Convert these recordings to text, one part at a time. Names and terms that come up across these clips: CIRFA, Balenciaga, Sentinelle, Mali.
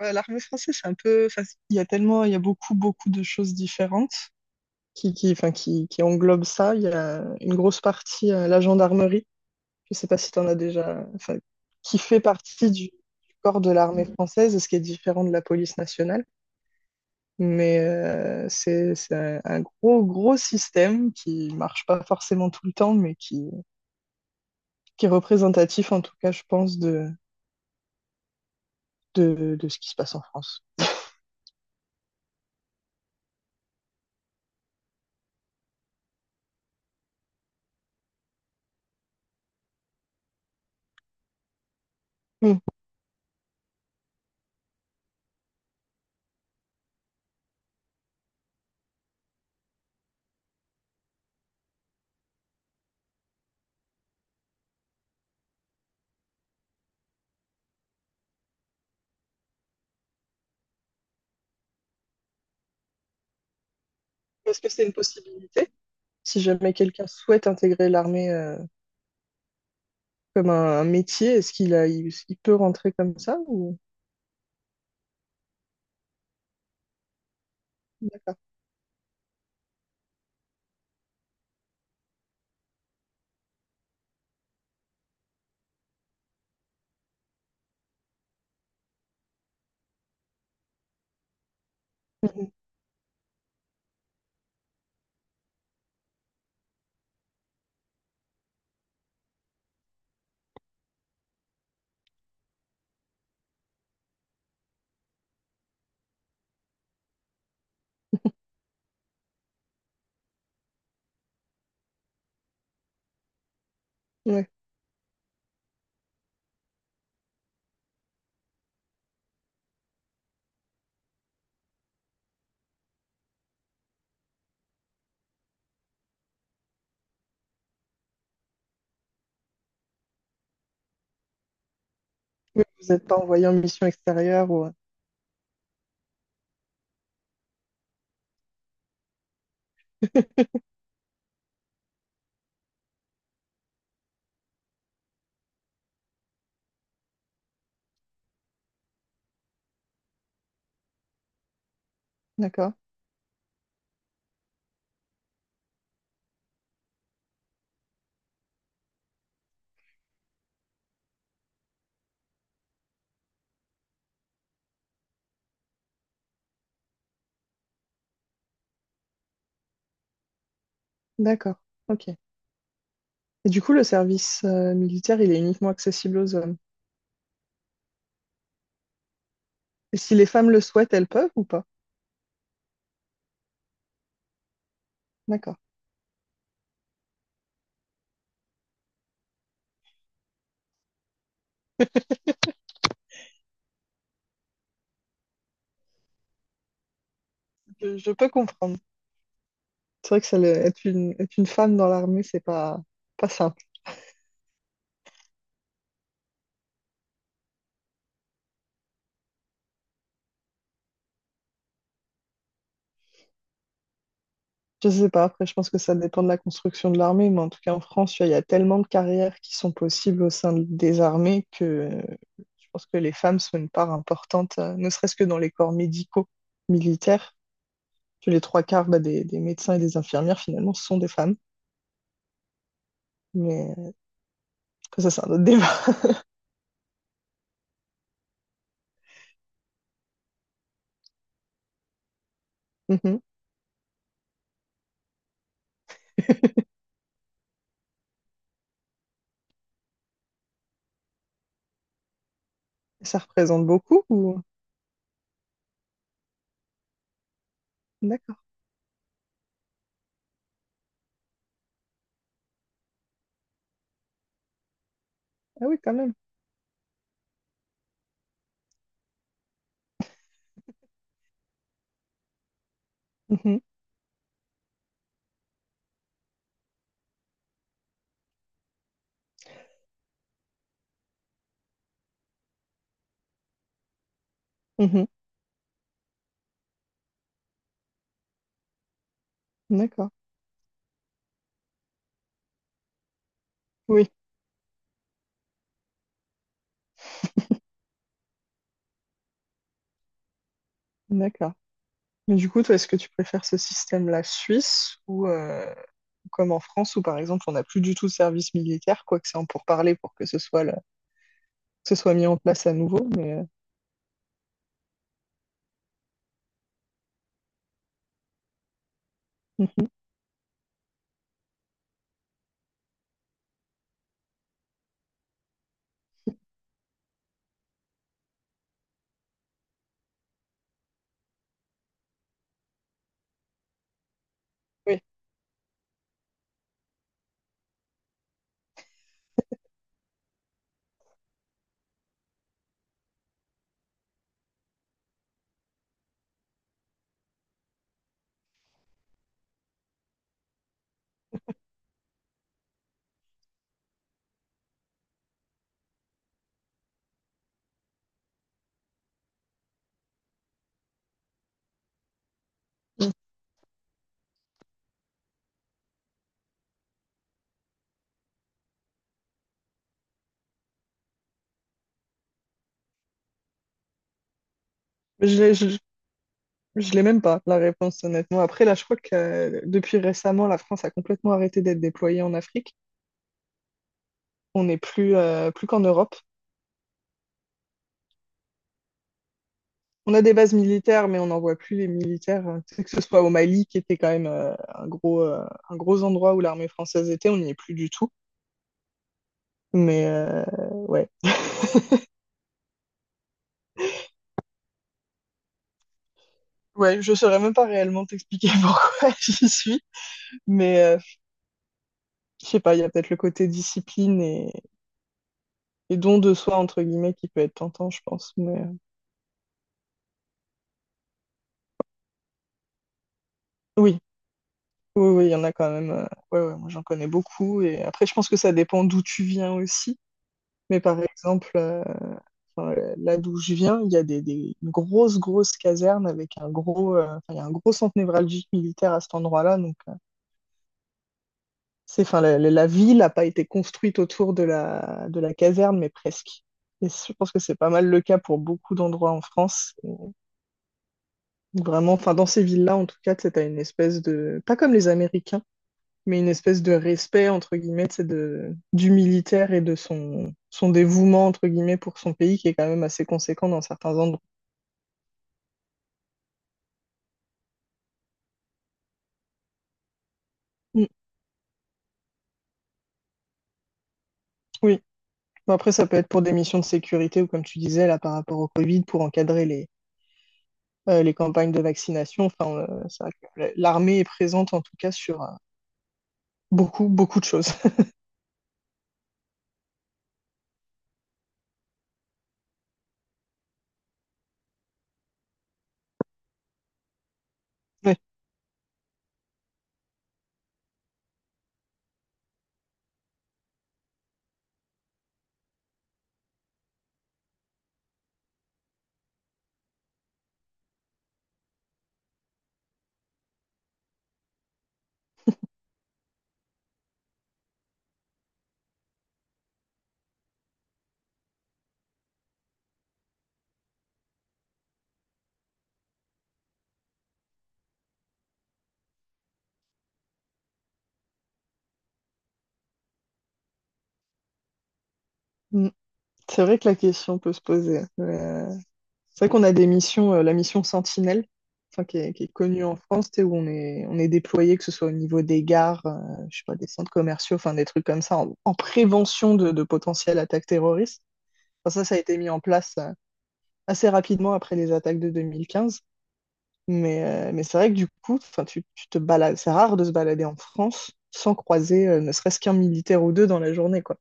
Ouais, l'armée française, c'est un peu. Il y a tellement, il y a beaucoup de choses différentes qui englobent ça. Il y a une grosse partie, la gendarmerie. Je ne sais pas si tu en as déjà. Enfin, qui fait partie du corps de l'armée française, ce qui est différent de la police nationale. Mais c'est un gros système qui marche pas forcément tout le temps, mais qui est représentatif, en tout cas, je pense, de ce qui se passe en France. Hmm. Est-ce que c'est une possibilité? Si jamais quelqu'un souhaite intégrer l'armée comme un métier, est-ce qu'il a, il peut rentrer comme ça ou... D'accord. Mhm. Ouais. Oui, vous n'êtes pas envoyé en mission extérieure ou... D'accord. D'accord. Ok. Et du coup, le service militaire, il est uniquement accessible aux hommes. Et si les femmes le souhaitent, elles peuvent ou pas? D'accord. Je peux comprendre. C'est vrai que ça, être une femme dans l'armée, c'est pas, pas simple. Je sais pas, après, je pense que ça dépend de la construction de l'armée, mais en tout cas, en France, tu vois, il y a tellement de carrières qui sont possibles au sein des armées que je pense que les femmes sont une part importante, ne serait-ce que dans les corps médicaux, militaires. Que les trois quarts bah, des médecins et des infirmières, finalement, sont des femmes. Mais après, ça, c'est un autre débat. Mhm. Ça représente beaucoup ou... D'accord. Ah oui, quand même. Mhm. Mhm. D'accord. Oui, d'accord. Mais du coup, toi, est-ce que tu préfères ce système-là suisse ou... comme en France où par exemple on n'a plus du tout de service militaire, quoique c'est en pourparlers pour que ce soit, le- que ce soit mis en place à nouveau. Mais mhm, oui, Mm. je l'ai, je, je l'ai même pas la réponse honnêtement. Après là, je crois que depuis récemment, la France a complètement arrêté d'être déployée en Afrique. On n'est plus, plus qu'en Europe. On a des bases militaires, mais on n'envoie plus les militaires. Que ce soit au Mali, qui était quand même un un gros endroit où l'armée française était, on n'y est plus du tout. Mais ouais. Ouais, je saurais même pas réellement t'expliquer pourquoi j'y suis, Mais je sais pas, il y a peut-être le côté discipline et don de soi, entre guillemets, qui peut être tentant, je pense. Mais oui, oui, il y en a quand même. Ouais, moi j'en connais beaucoup. Et après, je pense que ça dépend d'où tu viens aussi. Mais par exemple, là d'où je viens, il y a grosses casernes avec un gros, il y a un gros centre névralgique militaire à cet endroit-là. Donc, c'est, enfin, la ville n'a pas été construite autour de de la caserne, mais presque. Et je pense que c'est pas mal le cas pour beaucoup d'endroits en France. Vraiment, enfin, dans ces villes-là, en tout cas, tu as une espèce de, pas comme les Américains, mais une espèce de respect, entre guillemets, tu sais, du militaire et de son dévouement, entre guillemets, pour son pays, qui est quand même assez conséquent dans certains endroits. Mm, Oui. Bon, après, ça peut être pour des missions de sécurité ou, comme tu disais, là, par rapport au Covid, pour encadrer les campagnes de vaccination. Enfin, c'est vrai que l'armée est présente, en tout cas, sur beaucoup de choses. Ouais. Mm. C'est vrai que la question peut se poser. Mais, c'est vrai qu'on a des missions, la mission Sentinelle, enfin, qui est connue en France, tu sais, où on est déployé, que ce soit au niveau des gares, je sais pas, des centres commerciaux, enfin des trucs comme ça, en prévention de potentielles attaques terroristes. Enfin, ça a été mis en place assez rapidement après les attaques de 2015. Mais, mais c'est vrai que du coup, enfin, tu te balades, c'est rare de se balader en France sans croiser ne serait-ce qu'un militaire ou deux dans la journée, quoi.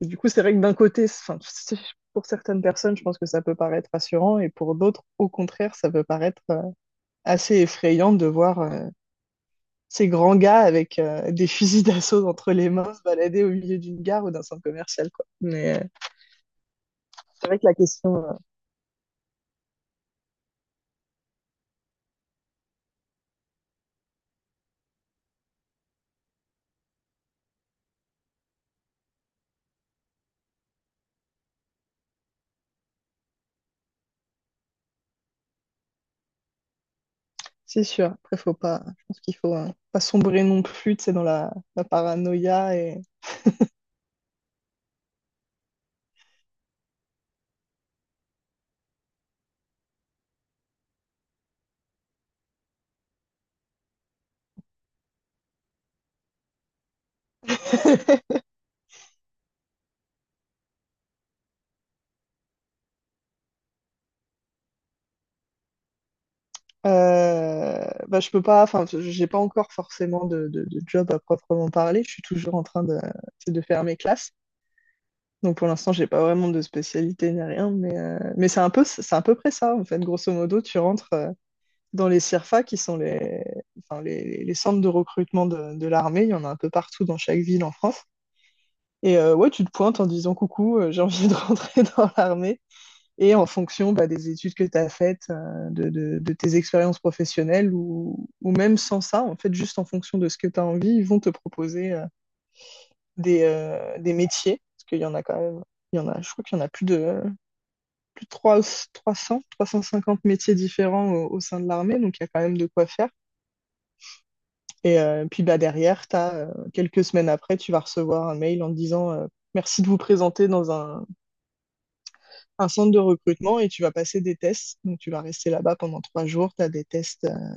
Et du coup, c'est vrai que d'un côté, enfin, pour certaines personnes, je pense que ça peut paraître rassurant, et pour d'autres, au contraire, ça peut paraître assez effrayant de voir ces grands gars avec des fusils d'assaut entre les mains se balader au milieu d'une gare ou d'un centre commercial, quoi. Mais c'est vrai que la question, c'est sûr. Après, faut pas, je pense qu'il faut pas sombrer non plus, tu sais, dans la paranoïa et bah, je peux pas, enfin, j'ai pas encore forcément de job à proprement parler. Je suis toujours en train de faire mes classes. Donc pour l'instant, j'ai pas vraiment de spécialité ni rien, mais, mais c'est un peu, c'est à peu près ça, en fait. Grosso modo, tu rentres dans les CIRFA, qui sont les, enfin, les centres de recrutement de l'armée. Il y en a un peu partout dans chaque ville en France. Et ouais, tu te pointes en disant coucou, j'ai envie de rentrer dans l'armée. Et en fonction bah, des études que tu as faites, de tes expériences professionnelles ou même sans ça, en fait, juste en fonction de ce que tu as envie, ils vont te proposer des métiers. Parce qu'il y en a quand même, il y en a, je crois qu'il y en a plus de trois cents, trois cent cinquante métiers différents au sein de l'armée, donc il y a quand même de quoi faire. Et puis bah, derrière, t'as, quelques semaines après, tu vas recevoir un mail en disant merci de vous présenter dans centre de recrutement et tu vas passer des tests. Donc tu vas rester là-bas pendant trois jours, tu as des tests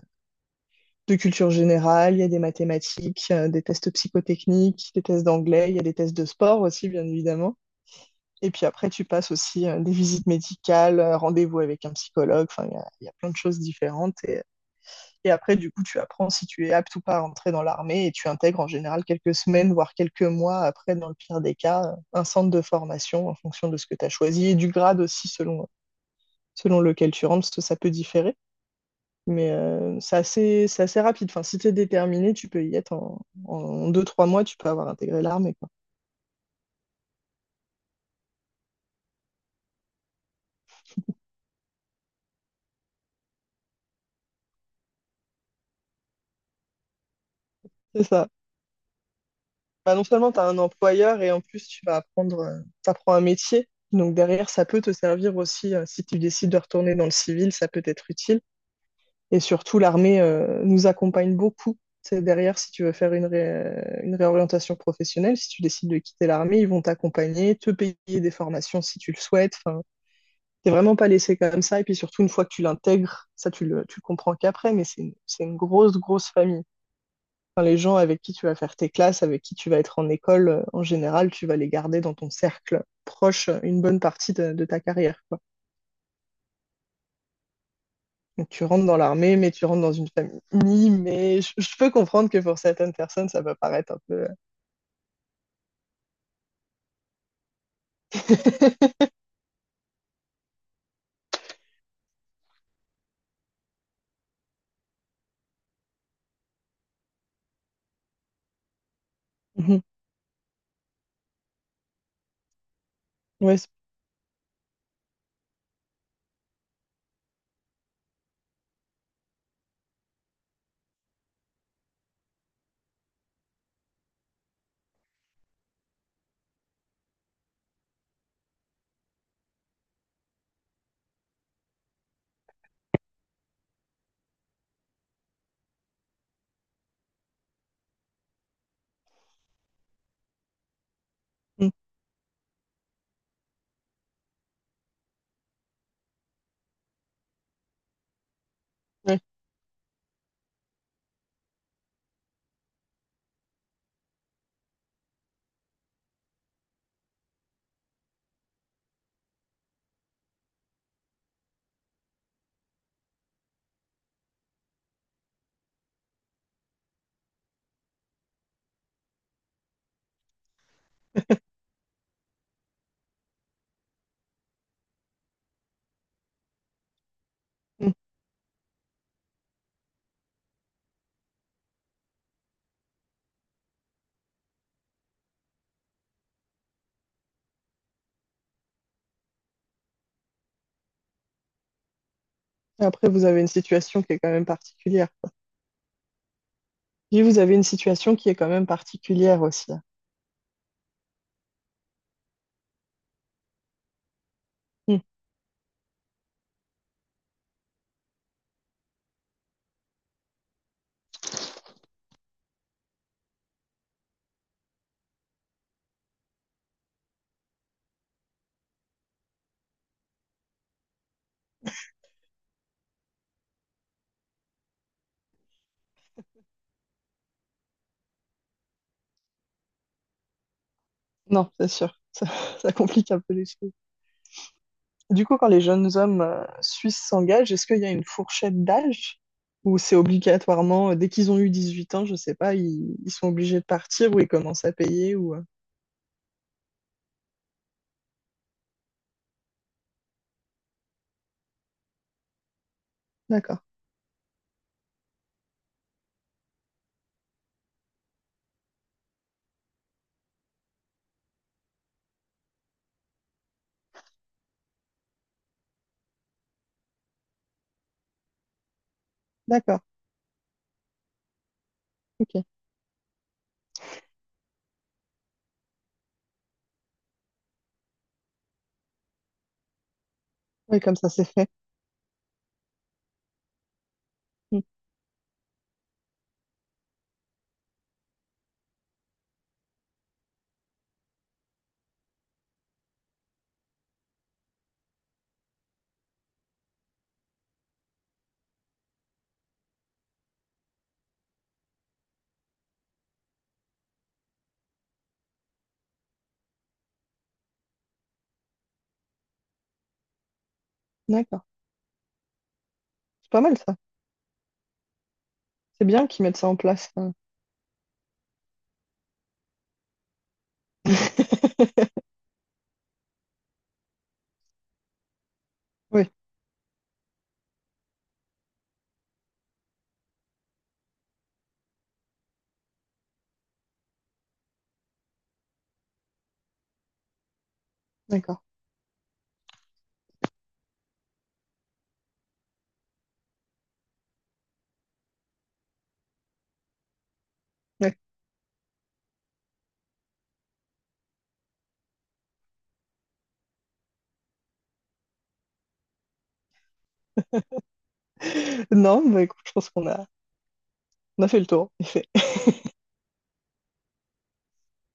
de culture générale, il y a des mathématiques, des tests psychotechniques, des tests d'anglais, il y a des tests de sport aussi, bien évidemment. Et puis après, tu passes aussi des visites médicales, rendez-vous avec un psychologue. Enfin, il y a plein de choses différentes. Et après, du coup, tu apprends si tu es apte ou pas à entrer dans l'armée et tu intègres en général quelques semaines, voire quelques mois après, dans le pire des cas, un centre de formation en fonction de ce que tu as choisi et du grade aussi selon lequel tu rentres, parce que ça peut différer. Mais c'est assez rapide. Enfin, si tu es déterminé, tu peux y être en deux, trois mois, tu peux avoir intégré l'armée, quoi. C'est ça. Bah, non seulement tu as un employeur et en plus, tu vas apprendre, t'apprends un métier. Donc derrière, ça peut te servir aussi, si tu décides de retourner dans le civil, ça peut être utile. Et surtout, l'armée nous accompagne beaucoup. C'est derrière, si tu veux faire une réorientation professionnelle, si tu décides de quitter l'armée, ils vont t'accompagner, te payer des formations si tu le souhaites. Enfin, t'es vraiment pas laissé comme ça. Et puis surtout, une fois que tu l'intègres, ça, tu le comprends qu'après, mais c'est une grosse famille. Enfin, les gens avec qui tu vas faire tes classes, avec qui tu vas être en école, en général, tu vas les garder dans ton cercle proche une bonne partie de ta carrière, quoi. Donc, tu rentres dans l'armée, mais tu rentres dans une famille. Mais je peux comprendre que pour certaines personnes, ça peut paraître un peu. Mhm. Ouais, c'est- mhm. Ouais. Mhm. Après, vous avez une situation qui est quand même particulière. Puis vous avez une situation qui est quand même particulière aussi. Mhm. Non, c'est sûr. Ça, ça complique un peu les choses. Du coup, quand les jeunes hommes suisses s'engagent, est-ce qu'il y a une fourchette d'âge ou c'est obligatoirement, dès qu'ils ont eu 18 ans, je sais pas, ils sont obligés de partir ou ils commencent à payer ou... D'accord, d'accord, ok. Oui, comme ça, c'est fait. Mm. D'accord. C'est pas mal, ça. C'est bien qu'ils mettent ça en place, hein. Oui, d'accord. Ouais. Non, bah, écoute, je pense qu'on a, on a fait le tour.